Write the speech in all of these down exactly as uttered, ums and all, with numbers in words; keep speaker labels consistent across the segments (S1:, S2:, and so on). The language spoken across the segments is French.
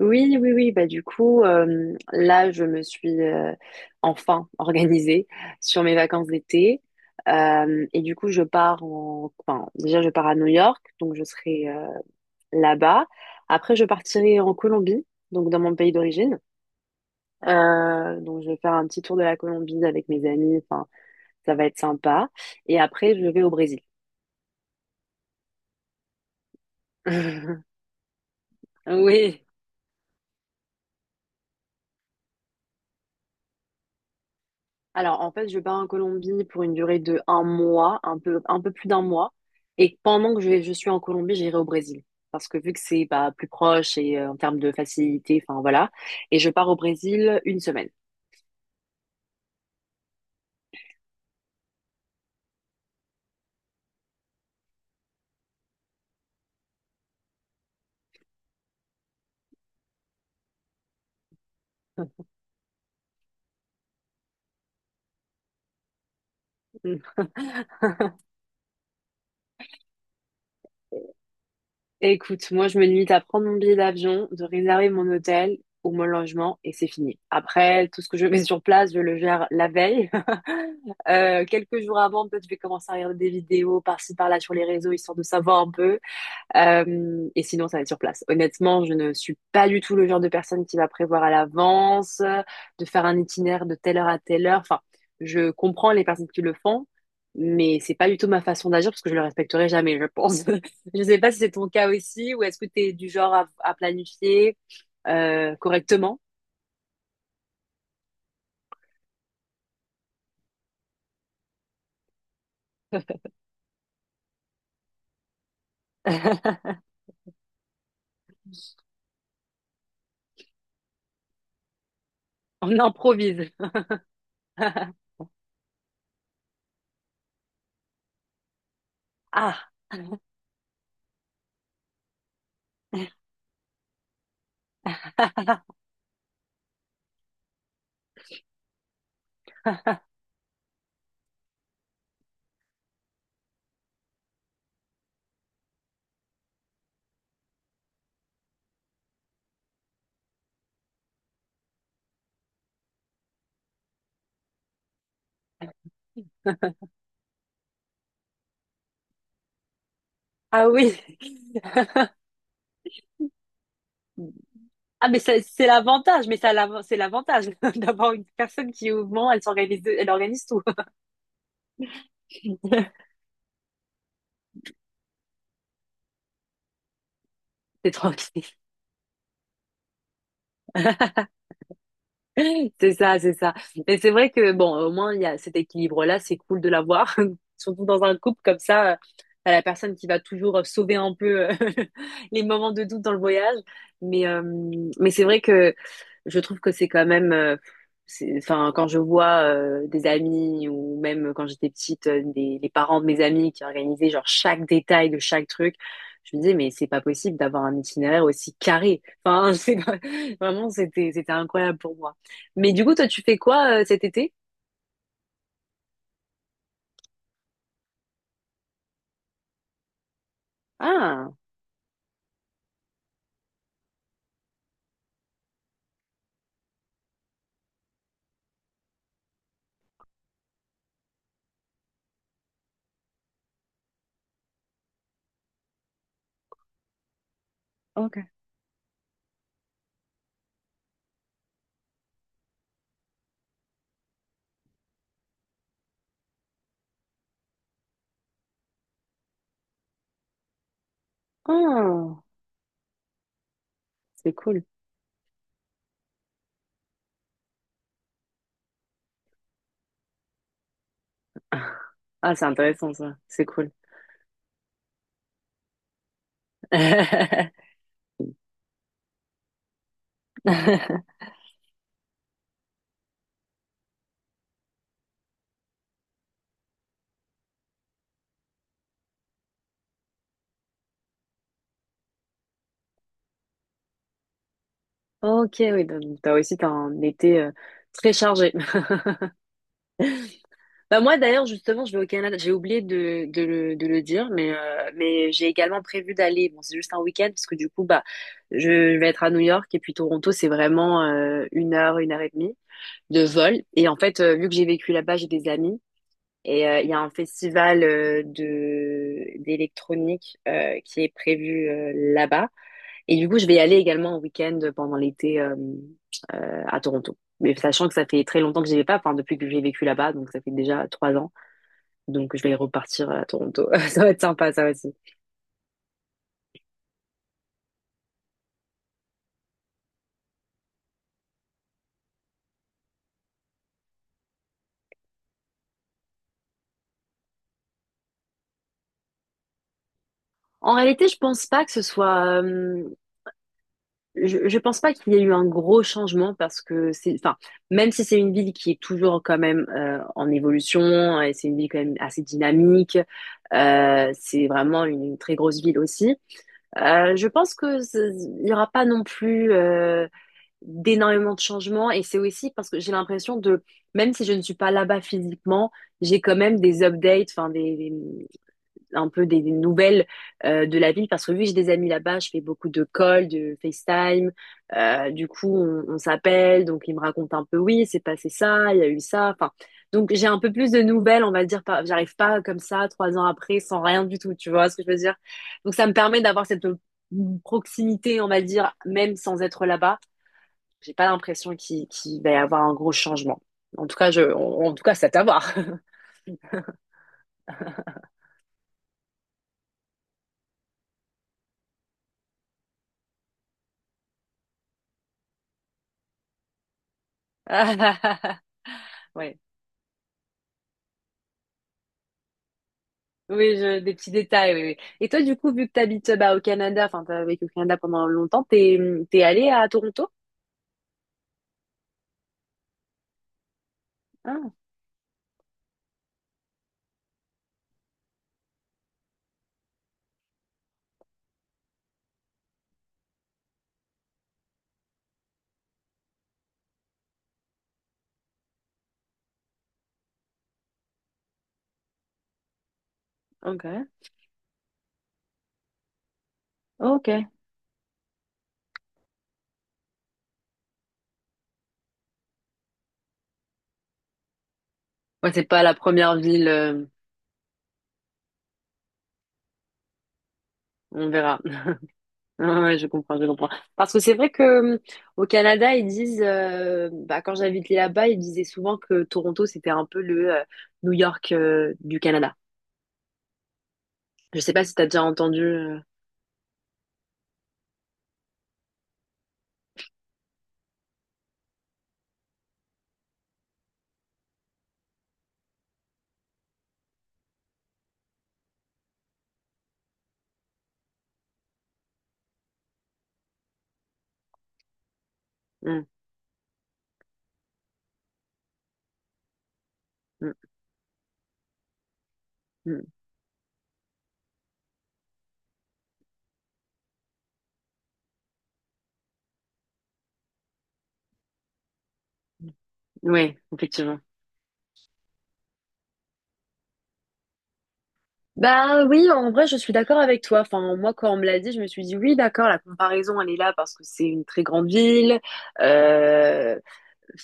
S1: Oui, oui, oui. Bah, du coup, euh, là, je me suis euh, enfin organisée sur mes vacances d'été. Euh, et du coup, je pars en... Enfin, déjà, je pars à New York, donc je serai euh, là-bas. Après, je partirai en Colombie, donc dans mon pays d'origine. Euh, donc, je vais faire un petit tour de la Colombie avec mes amis. Enfin, ça va être sympa. Et après, je vais au Brésil. Oui. Alors, en fait, je pars en Colombie pour une durée de un mois, un peu, un peu plus d'un mois. Et pendant que je, je suis en Colombie, j'irai au Brésil. Parce que vu que c'est bah, plus proche et euh, en termes de facilité, enfin voilà. Et je pars au Brésil une semaine. Mm. Écoute, moi, je me limite à prendre mon billet d'avion, de réserver mon hôtel ou mon logement, et c'est fini. Après, tout ce que je mets sur place, je le gère la veille. Euh, quelques jours avant, peut-être je vais commencer à regarder des vidéos par-ci, par-là sur les réseaux, histoire de savoir un peu. Euh, et sinon, ça va être sur place. Honnêtement, je ne suis pas du tout le genre de personne qui va prévoir à l'avance, euh, de faire un itinéraire de telle heure à telle heure. Enfin, je comprends les personnes qui le font, mais c'est pas du tout ma façon d'agir parce que je le respecterai jamais, je pense. Je sais pas si c'est ton cas aussi, ou est-ce que tu es du genre à, à planifier euh, correctement. On improvise. Ah, ah oui. Ah, mais c'est c'est l'avantage, mais ça, l'av- c'est l'avantage d'avoir une personne qui, au moment, elle s'organise, elle organise tout. C'est tranquille. C'est ça, c'est ça. Mais c'est vrai que, bon, au moins, il y a cet équilibre-là, c'est cool de l'avoir, surtout dans un couple comme ça, euh, t'as la personne qui va toujours euh, sauver un peu euh, les moments de doute dans le voyage. Mais, euh, mais c'est vrai que je trouve que c'est quand même, euh, c'est- enfin, quand je vois euh, des amis, ou même quand j'étais petite, euh, des, les parents de mes amis qui organisaient genre chaque détail de chaque truc, je me disais, mais c'est pas possible d'avoir un itinéraire aussi carré. Enfin, c'est pas- vraiment, c'était, c'était incroyable pour moi. Mais du coup, toi, tu fais quoi euh, cet été? Ah, ok. Oh, c'est cool. Ah, c'est intéressant ça. C'est cool. Ok, oui, donc t'as aussi t'as un été euh, très chargé. Bah moi, d'ailleurs, justement, je vais au Canada. J'ai oublié de, de, le, de le dire, mais, euh, mais j'ai également prévu d'aller. Bon, c'est juste un week-end parce que du coup, bah, je vais être à New York, et puis Toronto, c'est vraiment euh, une heure, une heure et demie de vol. Et en fait, euh, vu que j'ai vécu là-bas, j'ai des amis. Et euh, il y a un festival euh, de d'électronique euh, qui est prévu euh, là-bas. Et du coup, je vais y aller également en week-end pendant l'été, euh, euh, à Toronto. Mais sachant que ça fait très longtemps que j'y vais pas, enfin depuis que j'ai vécu là-bas, donc ça fait déjà trois ans. Donc je vais repartir à Toronto. Ça va être sympa, ça aussi. En réalité, je pense pas que ce soit. Euh, Je, je pense pas qu'il y ait eu un gros changement, parce que c'est, enfin, même si c'est une ville qui est toujours quand même euh, en évolution, et c'est une ville quand même assez dynamique, euh, c'est vraiment une, une très grosse ville aussi. Euh, je pense que c'est- il n'y aura pas non plus euh, d'énormément de changements, et c'est aussi parce que j'ai l'impression, de, même si je ne suis pas là-bas physiquement, j'ai quand même des updates, enfin des, des- un peu des, des nouvelles euh, de la ville, parce que vu que j'ai des amis là-bas, je fais beaucoup de calls, de FaceTime. Euh, du coup, on, on s'appelle, donc ils me racontent un peu, oui, c'est passé ça, il y a eu ça. Enfin, donc j'ai un peu plus de nouvelles, on va dire. par- J'arrive pas comme ça trois ans après sans rien du tout. Tu vois ce que je veux dire? Donc ça me permet d'avoir cette proximité, on va dire, même sans être là-bas. J'ai pas l'impression qu'il qu'il va y avoir un gros changement. En tout cas, je, en, en tout cas, c'est à voir. Ouais. Oui, je, des petits détails, oui, oui. Et toi, du coup, vu que tu habites bah, au Canada, enfin, tu as vécu au Canada pendant longtemps, t'es, t'es allé à Toronto? Ah, ok, ok. Ouais, c'est pas la première ville, euh, on verra. Ouais, ouais, je comprends, je comprends. Parce que c'est vrai que euh, au Canada, ils disent, euh, bah, quand j'habitais là-bas, ils disaient souvent que Toronto, c'était un peu le euh, New York euh, du Canada. Je sais pas si t'as déjà entendu. euh, mm, mm, mm. Ouais, effectivement. Bah oui, en vrai, je suis d'accord avec toi. Enfin, moi, quand on me l'a dit, je me suis dit oui, d'accord, la comparaison, elle est là parce que c'est une très grande ville. Euh,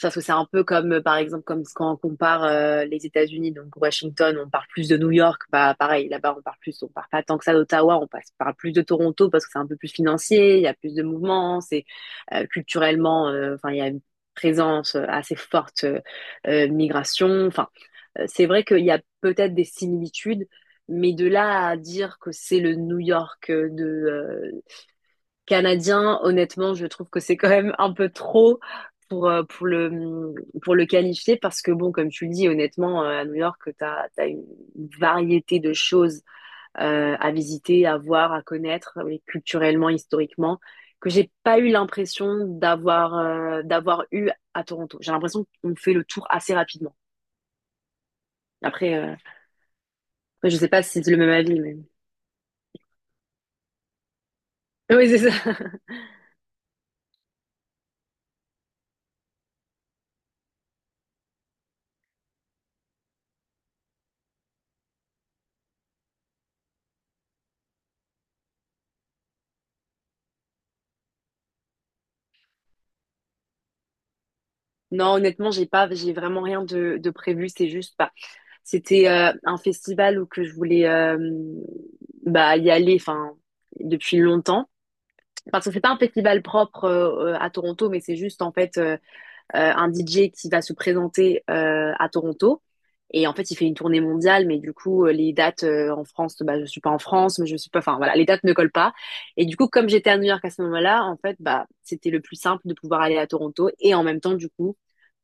S1: parce que c'est un peu comme, euh, par exemple, comme quand on compare euh, les États-Unis, donc Washington, on parle plus de New York, bah pareil, là-bas on parle plus, on parle pas tant que ça d'Ottawa, on passe, parle plus de Toronto parce que c'est un peu plus financier, il y a plus de mouvements, c'est euh, culturellement, euh, enfin il y a une présence euh, assez forte, euh, euh, migration, enfin euh, c'est vrai qu'il y a peut-être des similitudes, mais de là à dire que c'est le New York de euh, canadien, honnêtement, je trouve que c'est quand même un peu trop pour, euh, pour le, pour le qualifier, parce que, bon, comme tu le dis, honnêtement, euh, à New York, tu as une variété de choses euh, à visiter, à voir, à connaître, mais culturellement, historiquement, que j'ai pas eu l'impression d'avoir euh, d'avoir eu à Toronto. J'ai l'impression qu'on fait le tour assez rapidement. Après, euh, après, je sais pas si c'est le même avis, mais... Oui, c'est ça. Non, honnêtement, j'ai pas, j'ai vraiment rien de, de prévu. C'est juste, bah, C'était euh, un festival où que je voulais euh, bah, y aller enfin depuis longtemps. Parce que c'est pas un festival propre euh, euh, à Toronto, mais c'est juste en fait euh, euh, un D J qui va se présenter euh, à Toronto. Et en fait, il fait une tournée mondiale, mais du coup, euh, les dates euh, en France, bah, je suis pas en France, mais je suis pas, enfin voilà, les dates ne collent pas. Et du coup, comme j'étais à New York à ce moment-là, en fait, bah, c'était le plus simple de pouvoir aller à Toronto et en même temps, du coup,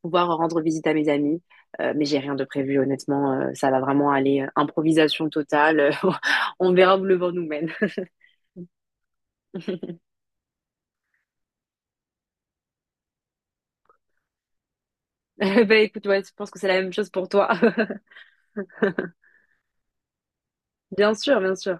S1: pouvoir rendre visite à mes amis. Euh, mais j'ai rien de prévu, honnêtement, euh, ça va vraiment aller euh, improvisation totale. euh, On verra où le vent nous mène. bah écoute, ouais, je pense que c'est la même chose pour toi. bien sûr, bien sûr.